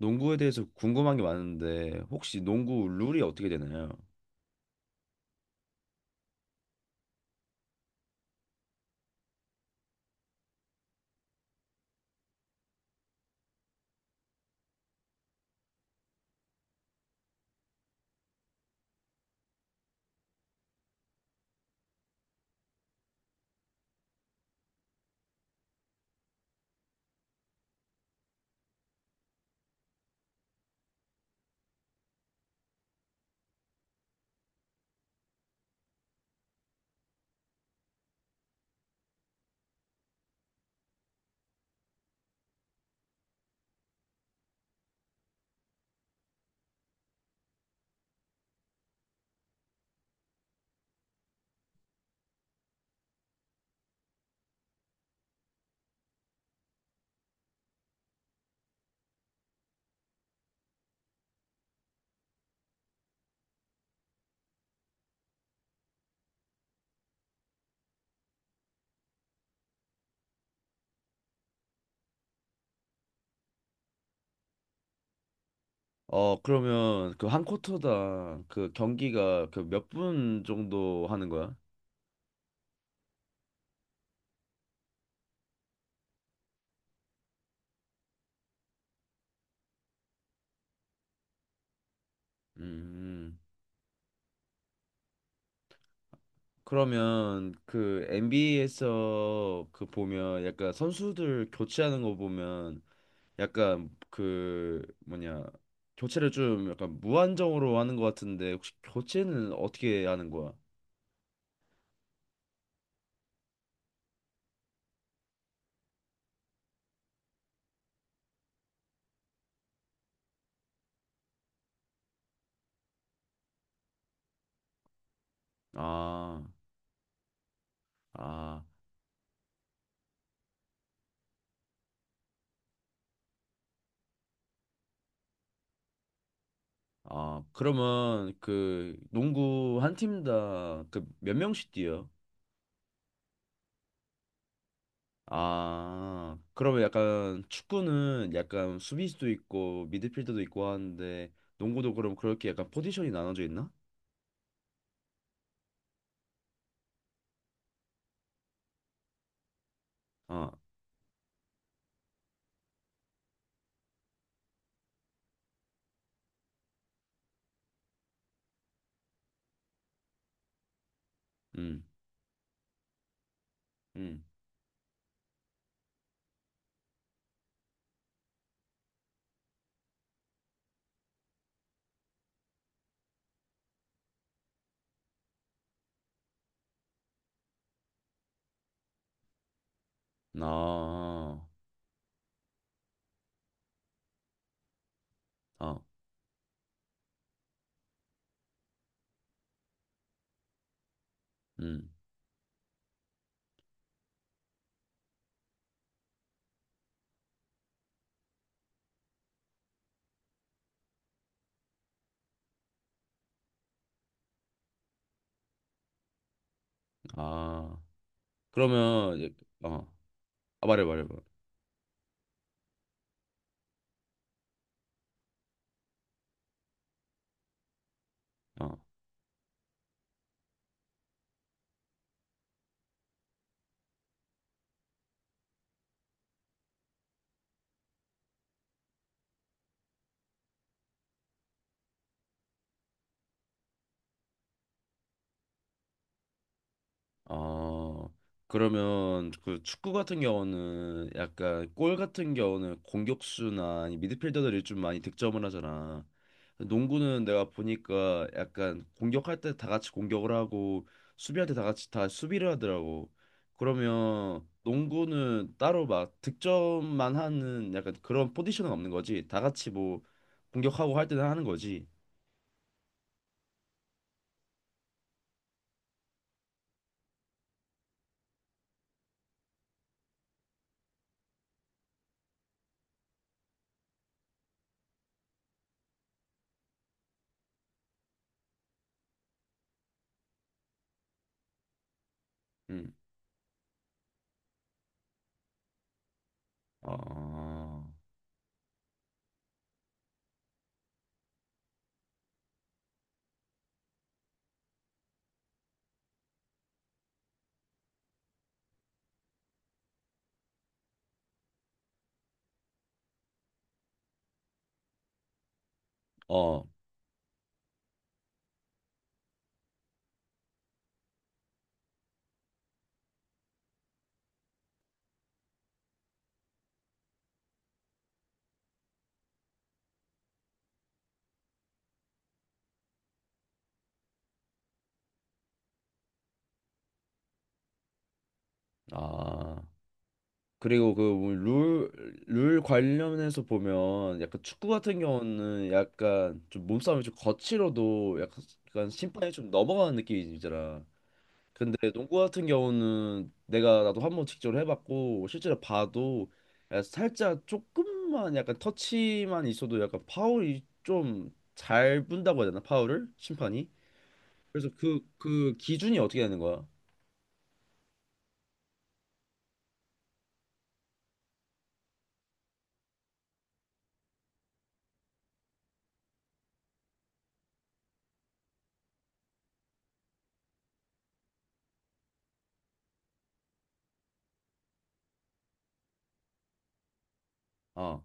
농구에 대해서 궁금한 게 많은데 혹시 농구 룰이 어떻게 되나요? 어, 그러면 그 한 쿼터당 그 경기가 그 몇 분 정도 하는 거야? 음. 그러면 그 NBA에서 그 보면 약간 선수들 교체하는 거 보면 약간 그 뭐냐, 교체를 좀 약간 무한정으로 하는 것 같은데 혹시 교체는 어떻게 하는 거야? 아. 아. 아, 그러면 그 농구 한 팀 다 그 몇 명씩 뛰어? 아, 그러면 약간 축구는 약간 수비수도 있고 미드필더도 있고 하는데 농구도 그럼 그렇게 약간 포지션이 나눠져 있나? 아. 음. 음. 아. 아. 음. 아. 그러면 이-. 어. 아, 말해 말해 말해. 어, 그러면 그 축구 같은 경우는 약간 골 같은 경우는 공격수나 아니 미드필더들이 좀 많이 득점을 하잖아. 농구는 내가 보니까 약간 공격할 때 다 같이 공격을 하고 수비할 때 다 같이 다 수비를 하더라고. 그러면 농구는 따로 막 득점만 하는 약간 그런 포지션은 없는 거지. 다 같이 뭐 공격하고 할 때는 하는 거지. 음. 어. 어. 아. 그리고 그룰룰 관련해서 보면 약간 축구 같은 경우는 약간 좀 몸싸움이 좀 거칠어도 약간 약간 심판이 좀 넘어가는 느낌이잖아. 근데 농구 같은 경우는 내가 나도 한번 직접 해봤고 실제로 봐도 약간 살짝 조금만 약간 터치만 있어도 약간 파울이 좀 잘 분다고 해야 되나, 파울을 심판이? 그래서 그 기준이 어떻게 되는 거야? 어.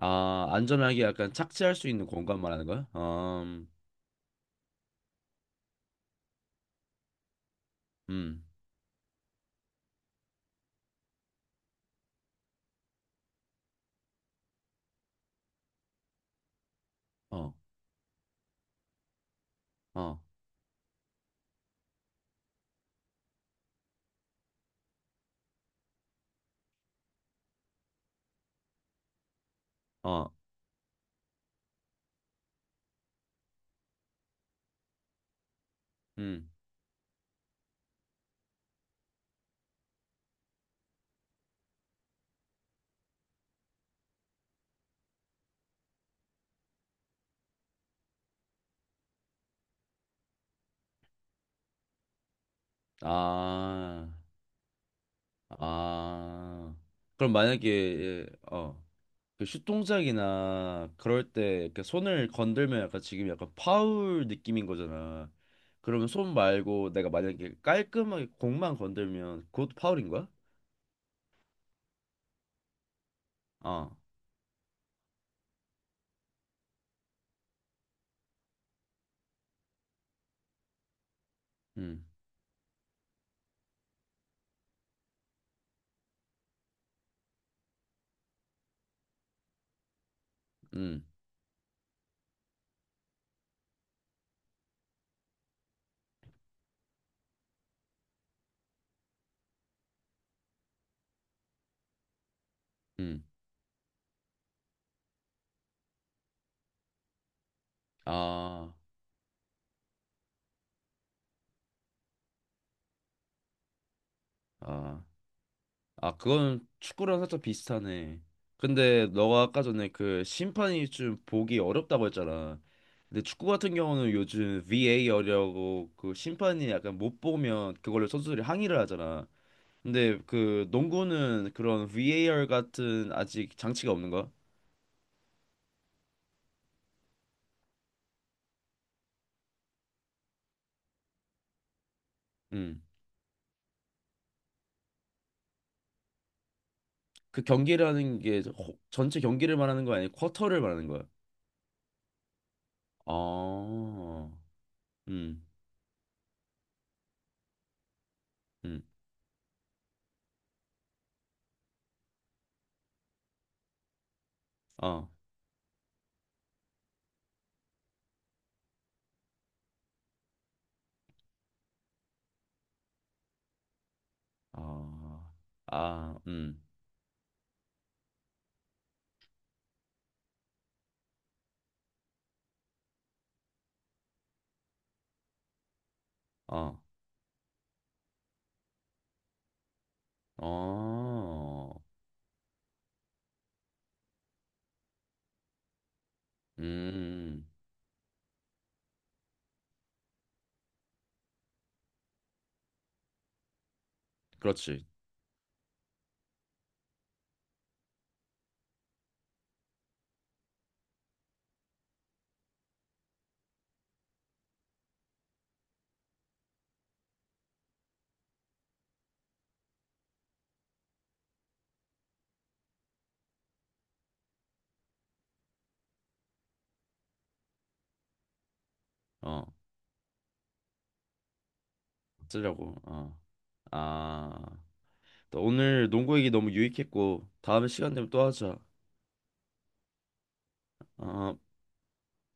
아, 안전하게 약간 착지할 수 있는 공간 말하는 거야? 아. 음. 어. 어. 어. 음. 아. 아. 그럼 만약에, 어, 그 슛 동작이나 그럴 때 이렇게 손을 건들면 약간 지금 약간 파울 느낌인 거잖아. 그러면 손 말고 내가 만약에 깔끔하게 공만 건들면 그것도 파울인 거야? 아. 음. 음. 음. 아. 아. 아, 그건 축구랑 살짝 비슷하네. 근데 너가 아까 전에 그 심판이 좀 보기 어렵다고 했잖아. 근데 축구 같은 경우는 요즘 VAR이라고 그 심판이 약간 못 보면 그걸로 선수들이 항의를 하잖아. 근데 그 농구는 그런 VAR 같은 아직 장치가 없는 거야? 음. 그 경기라는 게 호- 전체 경기를 말하는 거 아니고 쿼터를 말하는 거야? 아. 음. 음. 어. 아. 아. 음. 어. 어. 음. 그렇지. 어, 쓰려고. 어. 아, 또 오늘 농구 얘기 너무 유익했고, 다음에 시간 되면 또 하자. 어.